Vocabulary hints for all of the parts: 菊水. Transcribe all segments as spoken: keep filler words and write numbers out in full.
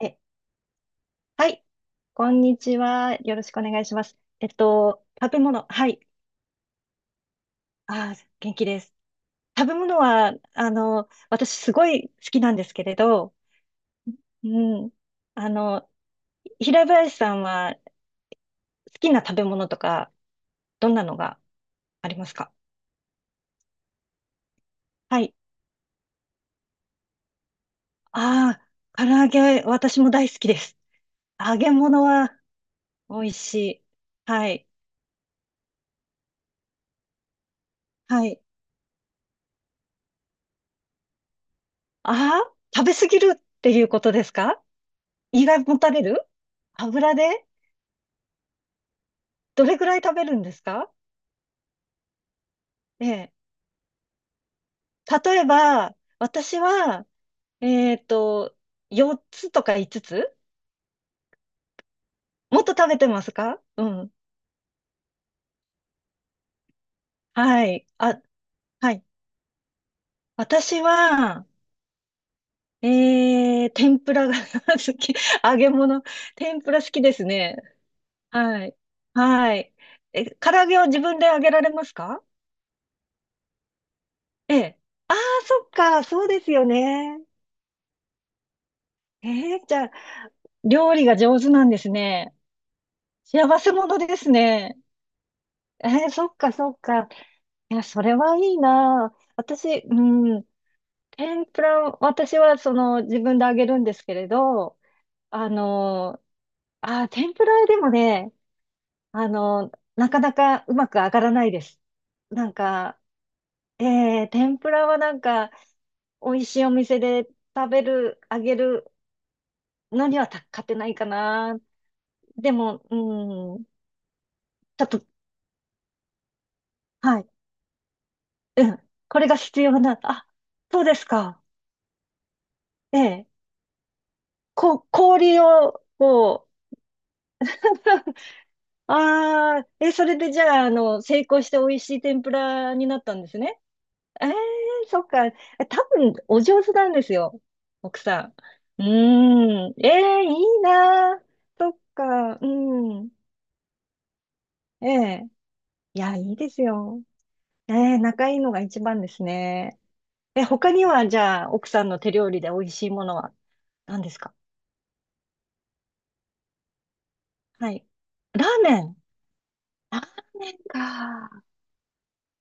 え、はい。こんにちは。よろしくお願いします。えっと、食べ物。はい。あー、元気です。食べ物は、あの、私すごい好きなんですけれど、うん。あの、平林さんは好きな食べ物とか、どんなのがありますか？はい。ああ、唐揚げ、私も大好きです。揚げ物は美味しい。はい。はい。ああ、食べ過ぎるっていうことですか？胃がもたれる。油で。どれぐらい食べるんですか？ええ。例えば、私は、えっと、よっつとかいつつつ、もっと食べてますか？うん。はい。あ、はい。私は、えー、天ぷらが 好き。揚げ物。天ぷら好きですね。はい。はい。え、唐揚げは自分で揚げられますか？ええ。ああ、そっか。そうですよね。ええ、じゃあ、料理が上手なんですね。幸せ者ですね。えーそっかそっか。いや、それはいいな。私、うん、天ぷら、私はその自分で揚げるんですけれど、あの、あー、天ぷらでもね、あの、なかなかうまく揚がらないです。なんか、えー天ぷらはなんか、美味しいお店で食べる、揚げるのにはた勝てないかな。でも、うん、ちょっと、はい。うん。これが必要な、あ、そうですか。ええ。こ、氷を、こう、ああ、え、それでじゃあ、あの、成功して美味しい天ぷらになったんですね。ええ、そっか。え多分、お上手なんですよ。奥さん。うーん。ええ、いいなー。そっか。うん。ええ。いや、いいですよ。ええ、仲いいのが一番ですね。え、他には、じゃあ、奥さんの手料理で美味しいものは何ですか？はい。ラーメン。ラーメンか。あ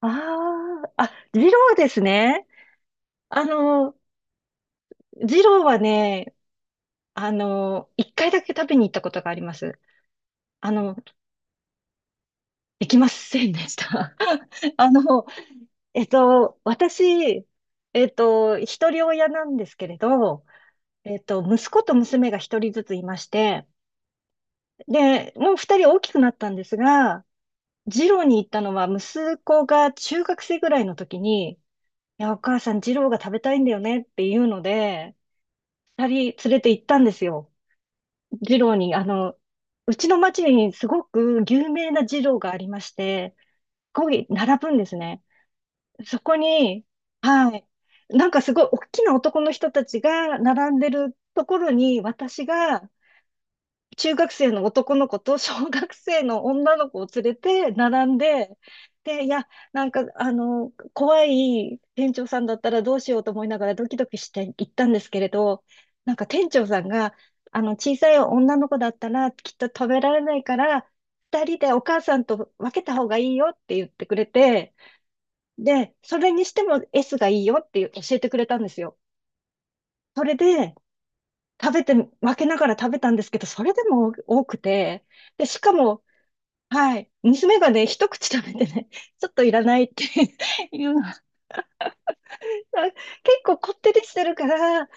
あ、あ、二郎ですね。あの、二郎はね、あの、いっかいだけ食べに行ったことがあります。あの、できませんでした。あの、えっと、私、えっと、一人親なんですけれど、えっと、息子と娘が一人ずついまして、で、もう二人大きくなったんですが、二郎に行ったのは息子が中学生ぐらいの時に、いや、お母さん、二郎が食べたいんだよねっていうので、二人連れて行ったんですよ。二郎に、あの、うちの町にすごく有名な二郎がありまして、ここに並ぶんですね。そこに、はい。なんかすごい大きな男の人たちが並んでるところに、私が中学生の男の子と小学生の女の子を連れて並んで、で、いや、なんか、あの、怖い店長さんだったらどうしようと思いながらドキドキして行ったんですけれど、なんか店長さんが、あの、小さい女の子だったらきっと食べられないから、二人でお母さんと分けた方がいいよって言ってくれて、で、それにしても S がいいよって教えてくれたんですよ。それで、食べて、分けながら食べたんですけど、それでも多くて、で、しかも、はい、娘がね、一口食べてね、ちょっといらないって いうのが、結構こってりしてるから、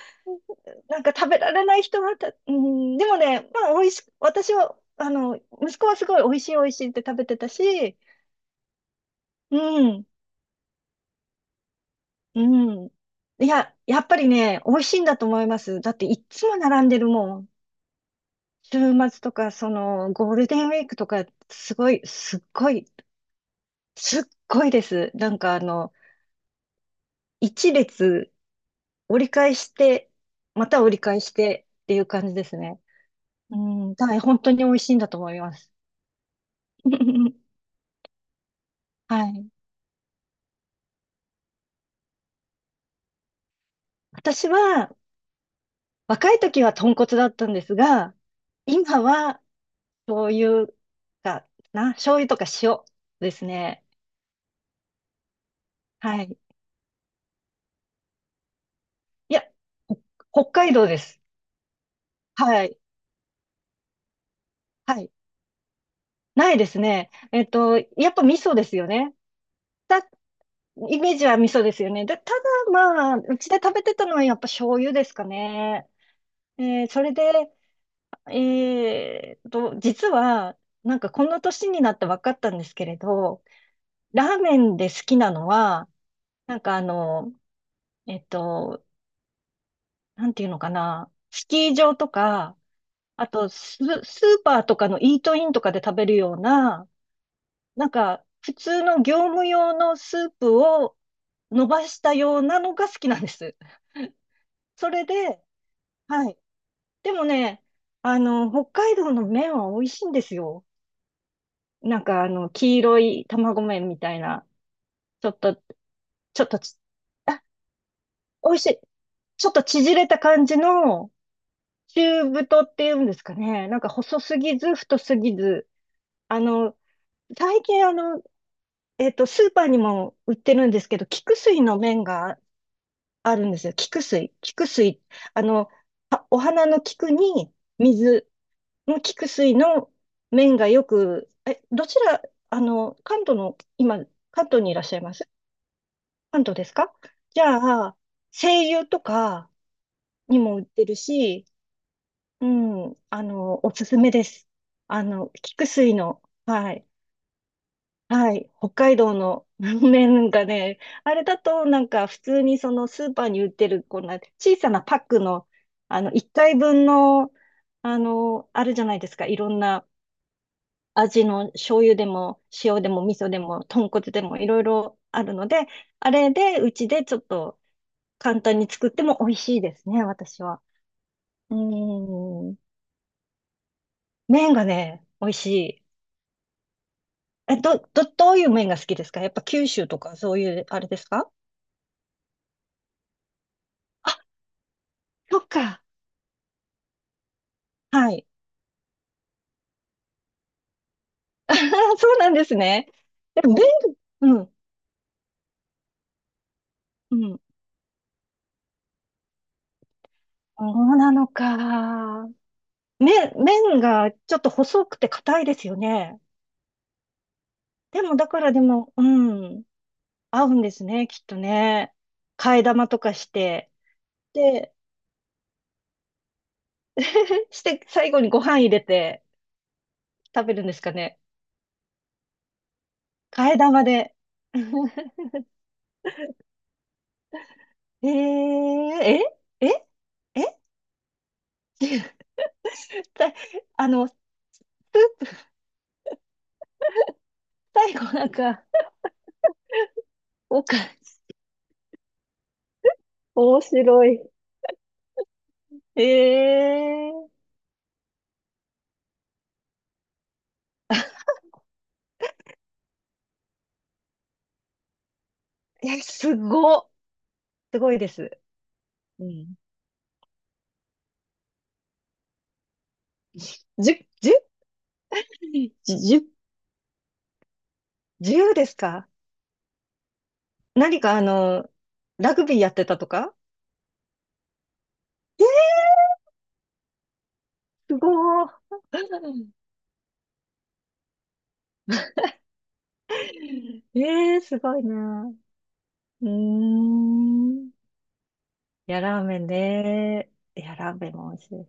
なんか食べられない人はた、うん、でもね、まあ、美味し、私は、あの、息子はすごい美味しい美味しいって食べてたし、うん、うん。いや、やっぱりね、美味しいんだと思います。だっていっつも並んでるもん。週末とか、その、ゴールデンウィークとか、すごい、すっごい、すっごいです。なんかあの、一列折り返して、また折り返してっていう感じですね。うん、はい、本当に美味しいんだと思います。はい。私は、若い時は豚骨だったんですが、今は、醤油かな、醤油とか塩ですね。はい。いや、ほ北海道です。はい。はい。ないですね。えっと、やっぱ味噌ですよね。た、イメージは味噌ですよね。で、ただまあ、うちで食べてたのはやっぱ醤油ですかね。えーそれで、えーと、実は、なんかこの年になって分かったんですけれど、ラーメンで好きなのは、なんかあの、えっと、なんていうのかな、スキー場とか、あとス、スーパーとかのイートインとかで食べるような、なんか、普通の業務用のスープを伸ばしたようなのが好きなんです。それで、はい。でもね、あの、北海道の麺は美味しいんですよ。なんかあの、黄色い卵麺みたいな、ちょっと、ちょっとち、あ、美味しい。ちょっと縮れた感じの、中太っていうんですかね。なんか細すぎず、太すぎず。あの、最近あの、えっと、スーパーにも売ってるんですけど、菊水の麺があるんですよ。菊水。菊水。あの、あお花の菊に水の菊水の面がよく、え、どちら、あの、関東の、今、関東にいらっしゃいます関東ですか？じゃあ、精油とかにも売ってるし、うん、あの、おすすめです。あの、菊水の、はい。はい、北海道の 麺がね、あれだとなんか普通にそのスーパーに売ってるこんな小さなパックの、あのいっかいぶんの、あの、あるじゃないですか、いろんな味の醤油でも塩でも味噌でも豚骨でもいろいろあるので、あれでうちでちょっと簡単に作っても美味しいですね、私は。うーん、麺がね、美味しい。え、ど、ど、どういう麺が好きですか？やっぱ九州とかそういうあれですか？あ、そっか。はい。そうなんですね。でも麺、うん、うん。そうなのか。麺、麺がちょっと細くて硬いですよね。でも、だからでも、うん、合うんですね、きっとね。替え玉とかして。で、して、最後にご飯入れて食べるんですかね。替え玉で。えー、え、え、え、さあの、スープ、最後なんか、おか、面白い。ええー、え、すご、すごいです。うん。十、十、十、十ですか？何かあの、ラグビーやってたとか？すごー。ええー、すごいな。うーん。いや、ラーメンね。いや、ラーメンも美味しい。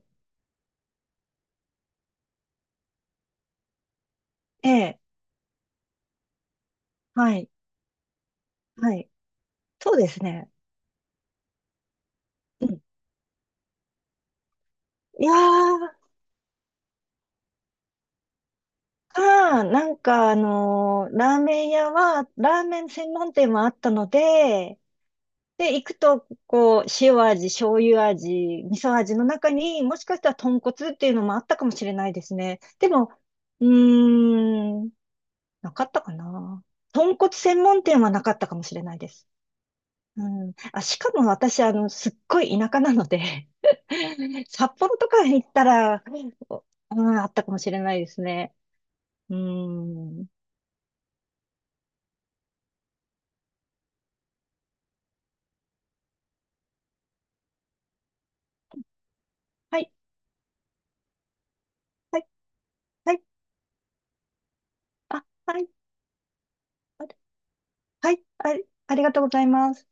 ええ、はい、はい。そうですね。うん。いやー、あー、なんかあのーラーメン屋は、ラーメン専門店もあったので、で、行くと、こう、塩味、醤油味、味噌味の中に、もしかしたら豚骨っていうのもあったかもしれないですね。でも、うーん、なかったかな。豚骨専門店はなかったかもしれないです。うん。あ、しかも私、あの、すっごい田舎なので 札幌とかに行ったら、おうん、あったかもしれないですね。うん。はい、はい、はい、あ、はい、あはい、あ、ありがとうございます。